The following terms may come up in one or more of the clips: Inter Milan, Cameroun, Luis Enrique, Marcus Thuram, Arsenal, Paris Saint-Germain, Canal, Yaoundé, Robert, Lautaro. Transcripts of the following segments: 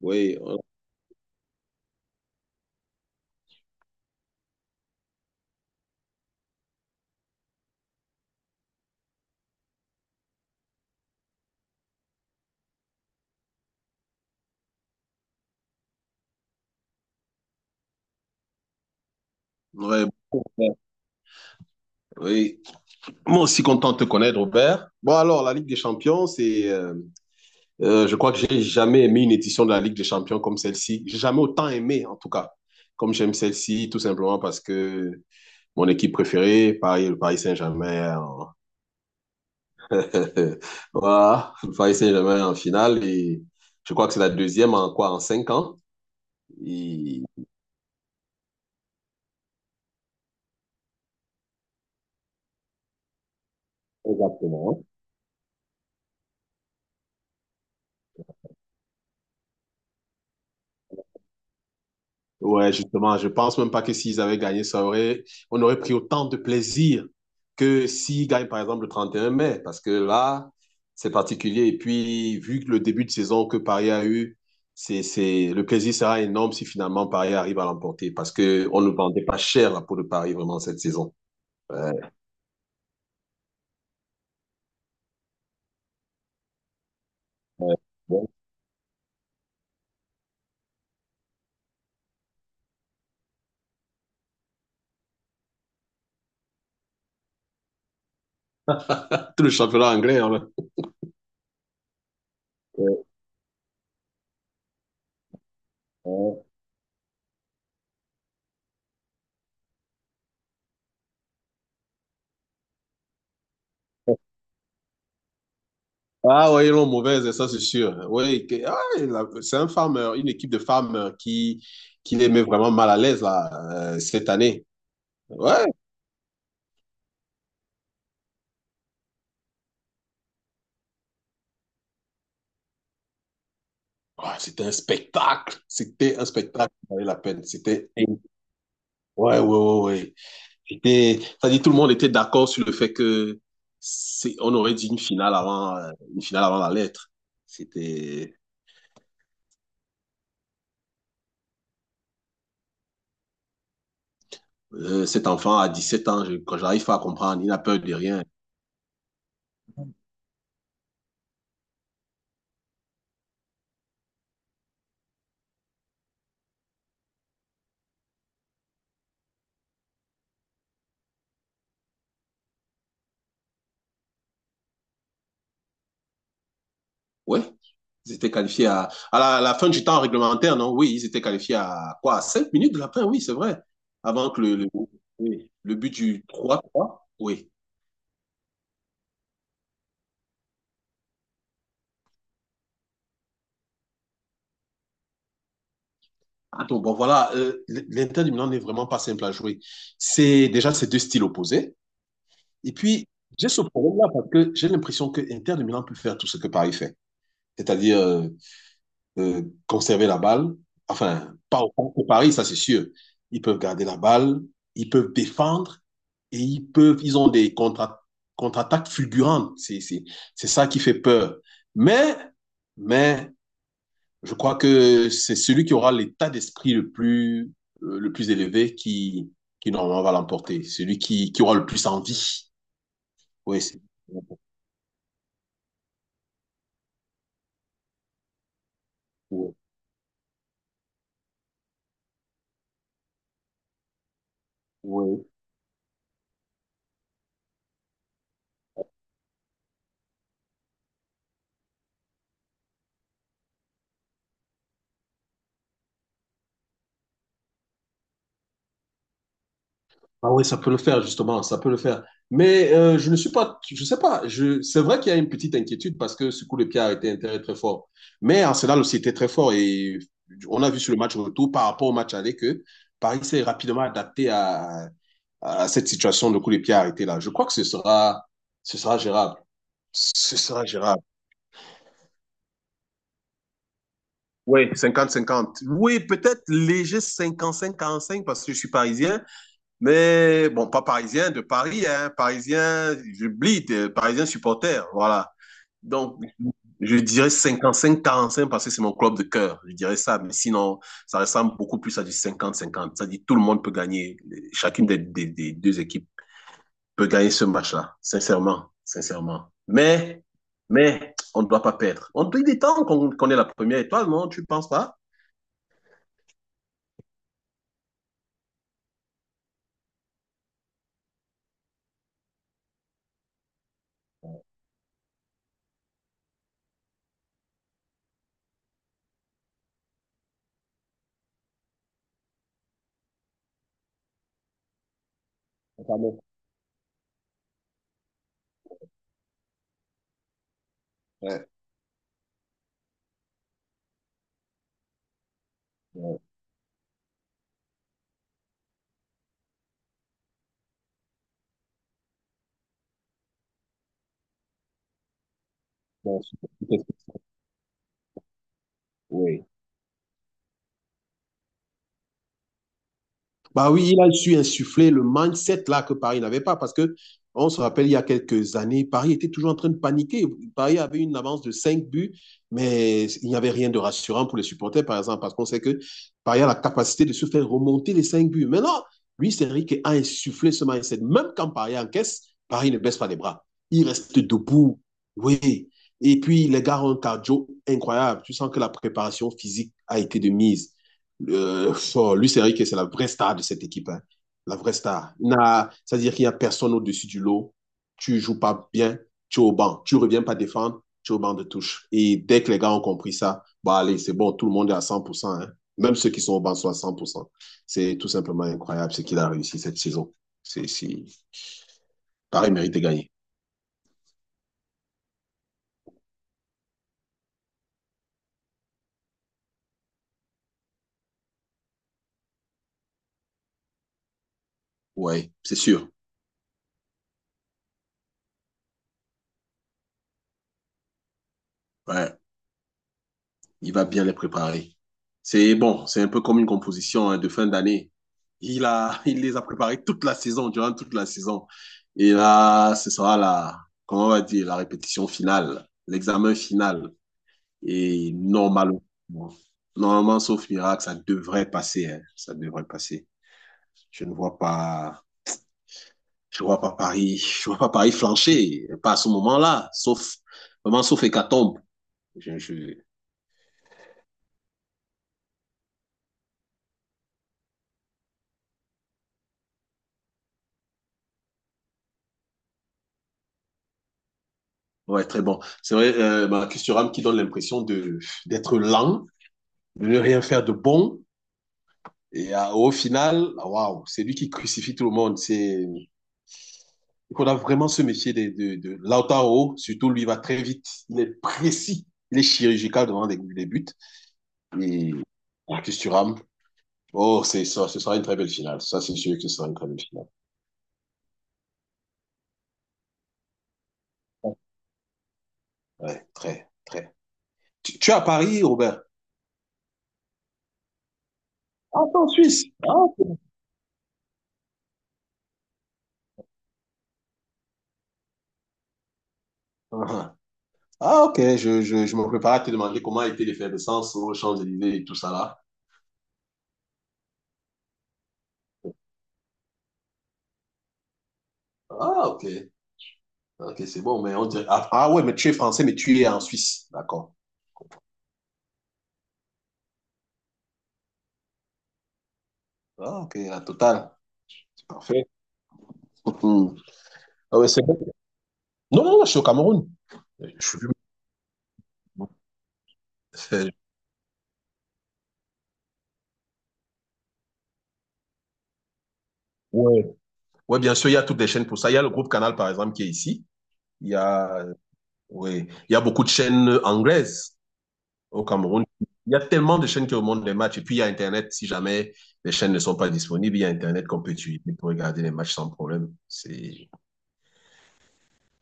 Oui, ouais, bon, oui. Moi aussi content de te connaître, Robert. Bon, alors, la Ligue des Champions, je crois que j'ai jamais aimé une édition de la Ligue des Champions comme celle-ci. J'ai jamais autant aimé, en tout cas, comme j'aime celle-ci, tout simplement parce que mon équipe préférée, Paris, le Paris Saint-Germain, voilà, le Paris Saint-Germain en finale et je crois que c'est la deuxième en quoi, en 5 ans. Et- Exactement. Ouais, justement, je pense même pas que s'ils avaient gagné, on aurait pris autant de plaisir que s'ils gagnent, par exemple, le 31 mai, parce que là, c'est particulier. Et puis, vu que le début de saison que Paris a eu, le plaisir sera énorme si finalement Paris arrive à l'emporter, parce que on ne vendait pas cher la peau de Paris vraiment cette saison. Ouais, ouais. Bon. Tout le championnat anglais, hein, là. Ouais, ouais. Ah oui, ils l'ont mauvaise, ça c'est sûr. Oui, ah, c'est un farmer, une équipe de femmes qui les met vraiment mal à l'aise là, cette année. Ouais. Ah, c'était un spectacle. C'était un spectacle qui valait la peine. C'était. Ouais, ouais, ouais, ouais. C'était. Ça dit, tout le monde était d'accord sur le fait que on aurait dit une finale une finale avant la lettre. C'était. Cet enfant à 17 ans, quand j'arrive pas à comprendre, il n'a peur de rien. Ouais, ils étaient qualifiés à la fin du temps réglementaire, non? Oui, ils étaient qualifiés à quoi? À 5 minutes de la fin, oui, c'est vrai. Avant que oui, le but du 3-3, oui. Ah, donc, bon, voilà, l'Inter du Milan n'est vraiment pas simple à jouer. C'est déjà ces deux styles opposés. Et puis, j'ai ce problème-là parce que j'ai l'impression que Inter de Milan peut faire tout ce que Paris fait. C'est-à-dire conserver la balle. Enfin, pas au Paris, ça c'est sûr. Ils peuvent garder la balle, ils peuvent défendre et ils ont des contre-attaques contre fulgurantes. C'est ça qui fait peur. Mais, mais, je crois que c'est celui qui aura l'état d'esprit le plus élevé qui normalement va l'emporter. Celui qui aura le plus envie. Oui, c'est. Oui. Ah oui, ça peut le faire, justement, ça peut le faire. Mais je ne suis pas, je sais pas, c'est vrai qu'il y a une petite inquiétude parce que ce coup de pied a été intérêt très fort. Mais Arsenal aussi était très fort et on a vu sur le match retour par rapport au match aller que Paris s'est rapidement adapté à cette situation de coup de pied arrêté là. Je crois que ce sera gérable. Ce sera gérable. Oui, 50-50. Oui, peut-être léger 55 cinq parce que je suis parisien. Mais bon, pas parisien, de Paris, hein, parisien, j'oublie, parisien supporter, voilà. Donc, je dirais 55-45 parce que c'est mon club de cœur, je dirais ça. Mais sinon, ça ressemble beaucoup plus à du 50-50. Ça dit tout le monde peut gagner, chacune des deux équipes peut gagner ce match-là, sincèrement, sincèrement. On ne doit pas perdre. On peut des temps qu'on qu est la première étoile, non? Tu ne penses pas? Pardon. Ouais, ouais, ouais, oui. Bah oui, il a su insuffler le mindset là que Paris n'avait pas parce que on se rappelle il y a quelques années, Paris était toujours en train de paniquer. Paris avait une avance de 5 buts, mais il n'y avait rien de rassurant pour les supporters par exemple parce qu'on sait que Paris a la capacité de se faire remonter les 5 buts. Maintenant, Luis Enrique a insufflé ce mindset. Même quand Paris encaisse, Paris ne baisse pas les bras. Il reste debout. Oui. Et puis les gars ont un cardio incroyable. Tu sens que la préparation physique a été de mise. Oh, Luis Enrique, c'est la vraie star de cette équipe. Hein. La vraie star. Il n'a- C'est-à-dire qu'il n'y a personne au-dessus du lot. Tu joues pas bien, tu es au banc. Tu reviens pas défendre, tu es au banc de touche. Et dès que les gars ont compris ça, bah allez, c'est bon, tout le monde est à 100%. Hein. Même ceux qui sont au banc sont à 100%. C'est tout simplement incroyable ce qu'il a réussi cette saison. C'est, c'est... Paris mérite de gagner. Ouais, c'est sûr. Ouais, il va bien les préparer. C'est bon, c'est un peu comme une composition hein, de fin d'année. Il les a préparés toute la saison, durant toute la saison. Et là, ce sera la, comment on va dire, la répétition finale, l'examen final. Et normalement, normalement, sauf miracle, ça devrait passer. Hein, ça devrait passer. Je ne vois pas, je vois pas Paris, je vois pas Paris flancher, pas à ce moment-là, sauf, vraiment, sauf hécatombe. Je, je, ouais, très bon. C'est vrai, Marcus Thuram qui donne l'impression d'être lent, de ne rien faire de bon. Et au final, waouh, c'est lui qui crucifie tout le monde. C'est qu'on a vraiment se méfier de Lautaro. Surtout, lui va très vite. Il est précis. Il est chirurgical devant les buts. Et Marcus Thuram, oh, c'est ça, ce sera une très belle finale. Ça, c'est sûr que ce sera une très belle finale. Ouais, très, très. Tu es à Paris, Robert? Ah, t'es en Suisse. Ah, ok. Ah, ah, ok. Je me prépare à te demander comment était l'effervescence aux Champs-Élysées et tout ça là. Ah, ok. Ok, c'est bon, mais on dirait. Ah, ah ouais, mais tu es français, mais tu es en Suisse. D'accord. Ah, ok, la totale. C'est parfait. Mhm. Ah ouais, c'est bon. Non, non, non, je suis au Cameroun. Je suis... du- Euh, Ouais. Ouais, bien sûr, il y a toutes les chaînes pour ça. Il y a le groupe Canal, par exemple, qui est ici. Il y a, ouais, il y a beaucoup de chaînes anglaises au Cameroun. Il y a tellement de chaînes qui remontent les matchs. Et puis, il y a Internet. Si jamais les chaînes ne sont pas disponibles, il y a Internet qu'on peut utiliser pour regarder les matchs sans problème. C'est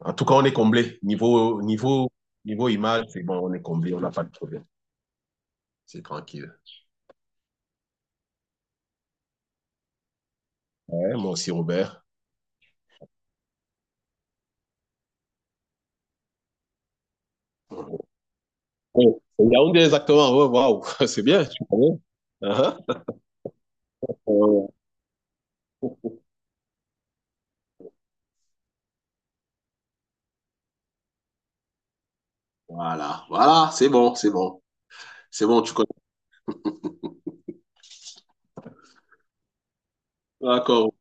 En tout cas, on est comblé. Niveau image, c'est bon, on est comblé, on n'a pas de problème. C'est tranquille. Ouais, moi aussi, Robert. Oh, Yaoundé, exactement. Ouais, waouh, c'est bien. Tu connais. Uh-huh. Oh. Voilà, voilà, c'est bon, c'est bon. C'est bon, tu connais. D'accord.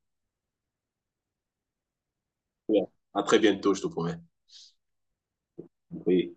À très bientôt, je te promets. Oui.